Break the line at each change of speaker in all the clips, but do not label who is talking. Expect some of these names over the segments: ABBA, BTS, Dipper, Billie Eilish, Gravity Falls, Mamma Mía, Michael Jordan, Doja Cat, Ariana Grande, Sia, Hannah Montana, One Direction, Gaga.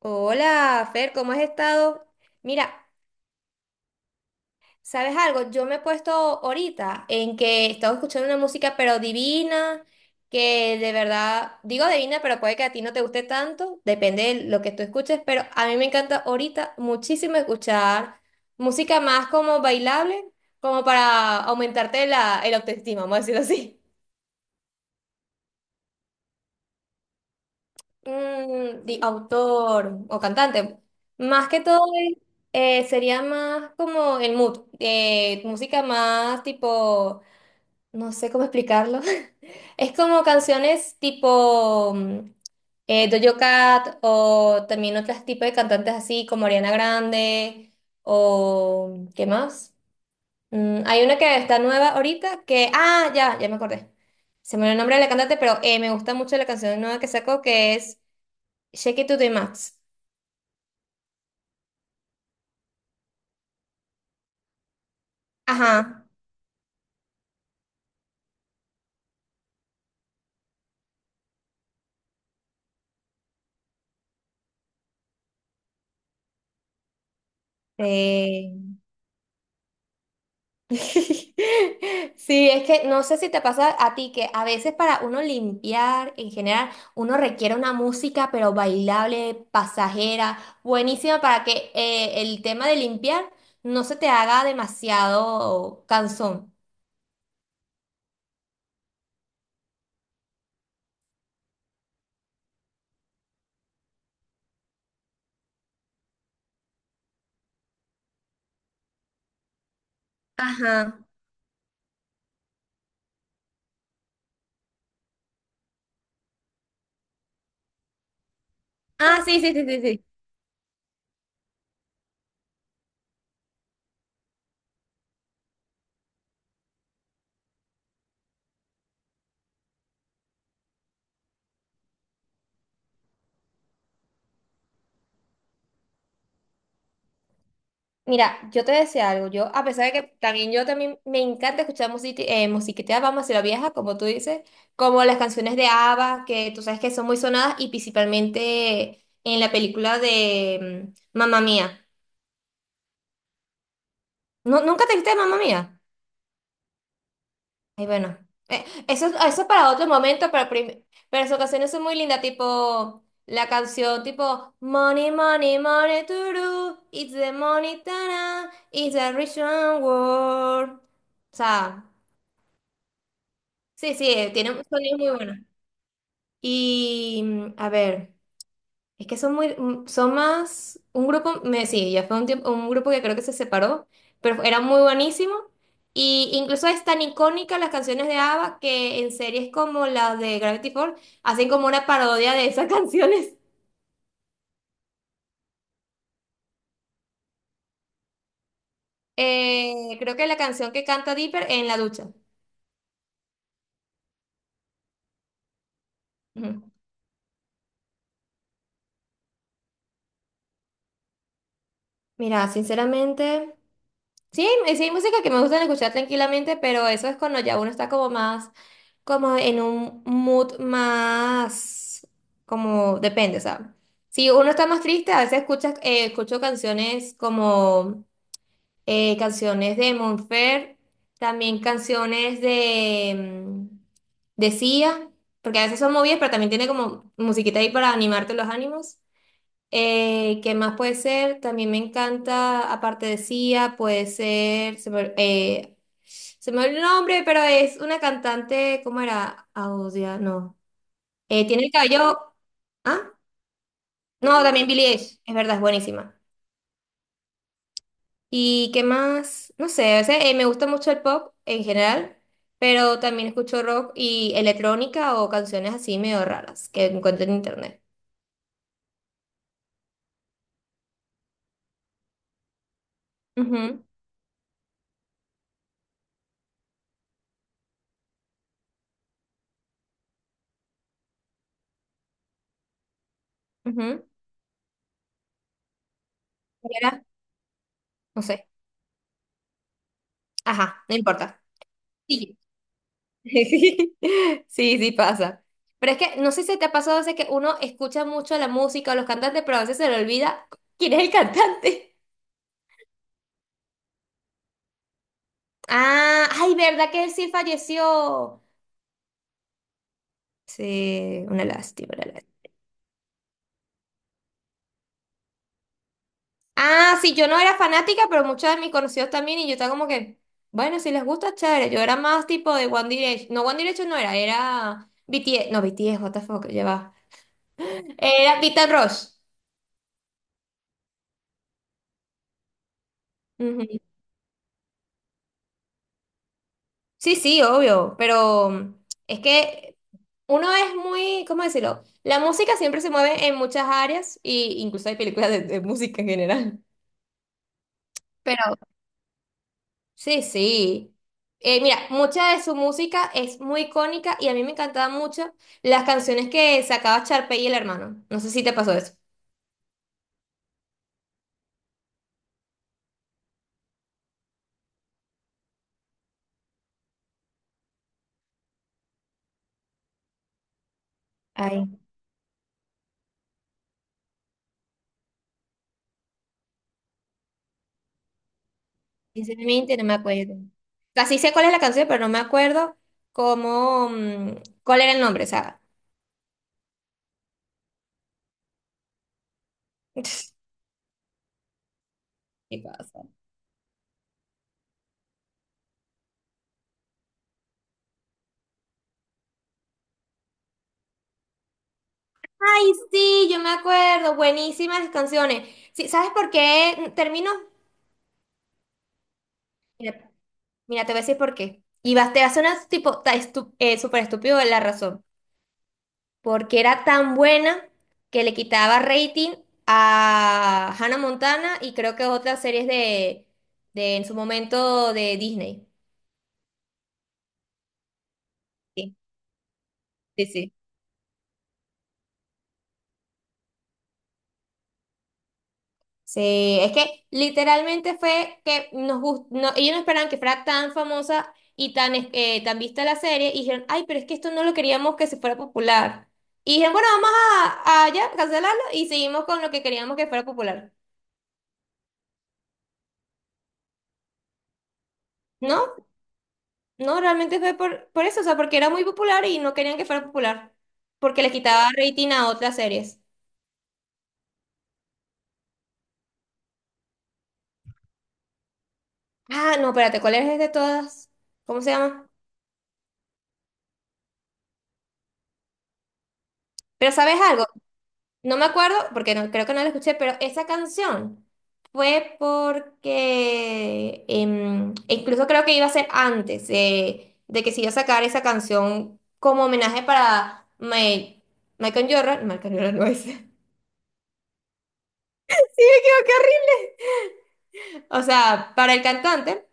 Hola, Fer, ¿cómo has estado? Mira, ¿sabes algo? Yo me he puesto ahorita en que estaba escuchando una música pero divina, que de verdad, digo divina, pero puede que a ti no te guste tanto, depende de lo que tú escuches, pero a mí me encanta ahorita muchísimo escuchar música más como bailable, como para aumentarte la, el autoestima, vamos a decirlo así. ¿Autor o cantante? Más que todo es- sería más como el mood, música más tipo, no sé cómo explicarlo. Es como canciones tipo Doja Cat, o también otros tipos de cantantes así como Ariana Grande. ¿O qué más? Hay una que está nueva ahorita que, ah, ya me acordé. Se me olvidó el nombre de la cantante, pero me gusta mucho la canción nueva que sacó, que es Sé que tú te Max. Ajá. Eh. Sí, es que no sé si te pasa a ti que a veces para uno limpiar en general, uno requiere una música pero bailable, pasajera, buenísima para que el tema de limpiar no se te haga demasiado cansón. Ajá. Ah, sí, sí, sí, sí, sí. Mira, yo te decía algo, yo a pesar de que también, yo también me encanta escuchar musiquita, vamos, a la vieja, como tú dices, como las canciones de ABBA, que tú sabes que son muy sonadas y principalmente en la película de Mamma Mía. ¿No, nunca te viste Mamma Mía? Ay, bueno, eso, eso es para otro momento, pero, pero sus canciones son muy lindas, tipo la canción tipo Money, Money, Money, Turu, It's the Money, Tana, It's a Rich World. O sea. Sí, sí, tiene un muy buenos. Y a ver, es que son muy, son más, un grupo, me, sí, ya fue un tiempo, un grupo que creo que se separó, pero era muy buenísimo. Y incluso es tan icónica las canciones de ABBA que en series como la de Gravity Falls hacen como una parodia de esas canciones. Creo que la canción que canta Dipper en la ducha. Ujú. Mira, sinceramente. Sí, sí hay música que me gusta escuchar tranquilamente, pero eso es cuando ya uno está como más, como en un mood más, como depende, ¿sabes? Si uno está más triste, a veces escuchas, escucho canciones como canciones de Monfer, también canciones de, mm, de Sia, porque a veces son movidas, pero también tiene como musiquita ahí para animarte los ánimos. ¿Qué más puede ser? También me encanta, aparte de Sia, puede ser, se me olvidó el nombre, pero es una cantante, ¿cómo era? Audia, no. Tiene el cabello, ¿ah? No, también Billie Eilish, es verdad, es buenísima. ¿Y qué más? No sé, a veces, me gusta mucho el pop en general, pero también escucho rock y electrónica o canciones así medio raras que encuentro en internet. Ujú, ujú. ¿Cuál era? No sé. Ajá, no importa. Sí. Sí, sí pasa. Pero es que no sé si te ha pasado a veces que uno escucha mucho la música o los cantantes, pero a veces se le olvida quién es el cantante. Ah, ay, ¿verdad que él sí falleció? Sí, una lástima, una lástima. Ah, sí, yo no era fanática, pero muchos de mis conocidos también, y yo estaba como que, bueno, si les gusta, chévere. Yo era más tipo de One Direction. No, One Direction no era, era BTS. No, BTS, what the fuck, ya va. Era Beat and Rush. Sí, sí, obvio, pero es que uno es muy, ¿cómo decirlo? La música siempre se mueve en muchas áreas y incluso hay películas de música en general. Pero sí, sí. Mira, mucha de su música es muy icónica y a mí me encantaban mucho las canciones que sacaba Charpe y el hermano. No sé si te pasó eso. Ay, sinceramente no me acuerdo. Casi sé cuál es la canción, pero no me acuerdo cómo, cuál era el nombre, o sea. ¿Qué pasa? Ay, sí, yo me acuerdo, buenísimas las canciones. Sí, ¿sabes por qué termino? Mira, mira, te voy a decir por qué. Y vas, te va a sonar tipo súper estúpido la razón. Porque era tan buena que le quitaba rating a Hannah Montana y creo que otras series de en su momento de Disney. Sí, sí, sí. Sí, es que literalmente fue que no, ellos no esperaban que fuera tan famosa y tan, tan vista la serie y dijeron, ay, pero es que esto no lo queríamos que se fuera popular. Y dijeron, bueno, vamos a ya cancelarlo y seguimos con lo que queríamos que fuera popular. No, no, realmente fue por eso, o sea, porque era muy popular y no querían que fuera popular, porque les quitaba rating a otras series. Ah, no, espérate, ¿cuál es de todas? ¿Cómo se llama? Pero ¿sabes algo? No me acuerdo, porque no, creo que no la escuché, pero esa canción fue porque e incluso creo que iba a ser antes de que se iba a sacar esa canción como homenaje para Michael Jordan. Michael Jordan no es. O sea, para el cantante.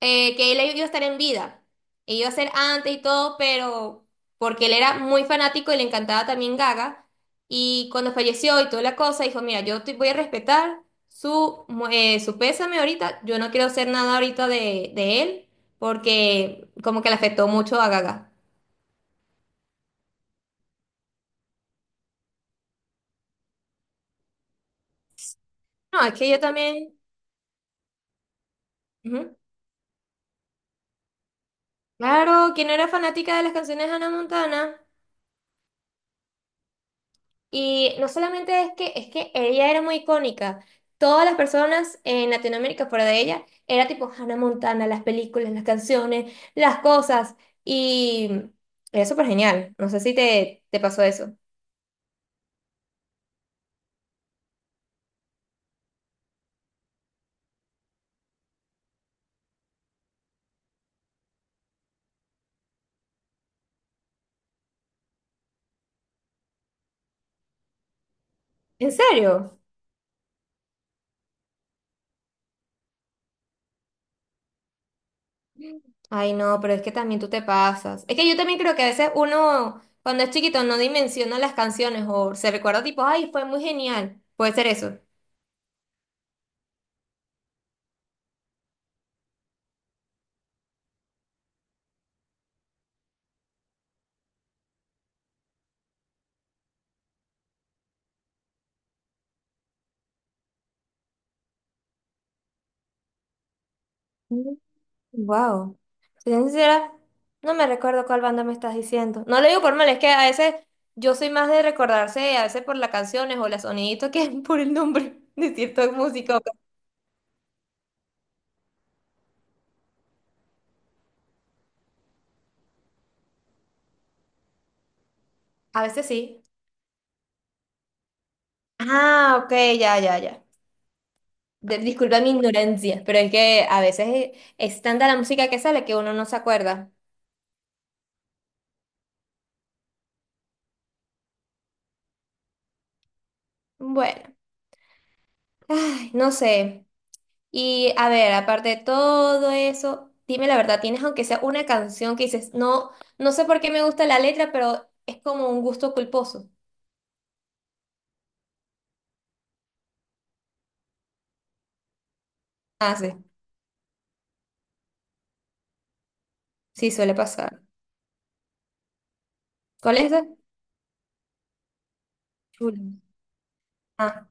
Eh, que él iba a estar en vida. E iba a ser antes y todo, pero porque él era muy fanático y le encantaba también Gaga. Y cuando falleció y toda la cosa, dijo, mira, yo te voy a respetar su, su pésame ahorita. Yo no quiero hacer nada ahorita de él, porque como que le afectó mucho a Gaga. No, es que yo también... Ujú. Claro, ¿quién no era fanática de las canciones de Hannah Montana? Y no solamente es que ella era muy icónica. Todas las personas en Latinoamérica fuera de ella era tipo Hannah Montana, las películas, las canciones, las cosas. Y era súper genial. No sé si te, te pasó eso. ¿En serio? Ay, no, pero es que también tú te pasas. Es que yo también creo que a veces uno, cuando es chiquito, no dimensiona las canciones o se recuerda tipo, ay, fue muy genial. Puede ser eso. Wow. Si soy sincera, no me recuerdo cuál banda me estás diciendo. No lo digo por mal, es que a veces yo soy más de recordarse, a veces por las canciones o los soniditos que por el nombre de cierta música. A veces sí. Ah, ok, ya, ya, ya. Disculpa mi ignorancia, pero es que a veces es, es tanta la música que sale que uno no se acuerda. Bueno, ay, no sé. Y a ver, aparte de todo eso, dime la verdad, ¿tienes aunque sea una canción que dices, no, no sé por qué me gusta la letra, pero es como un gusto culposo? Ah, sí, sí, suele pasar. ¿Cuál es esa? Chulo. Ah,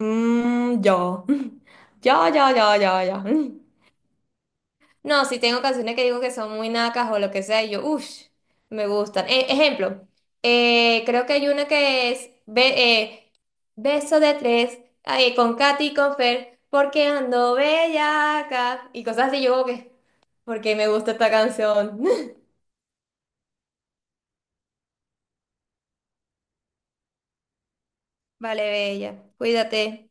yo. Yo, yo, yo, yo, yo. No, si tengo canciones que digo que son muy nacas o lo que sea, y yo, uff, me gustan. Ejemplo, creo que hay una que es Beso de tres, ay, con Katy y con Fer, porque ando bellaca, y cosas así, yo como que, porque me gusta esta canción. Vale, bella, cuídate.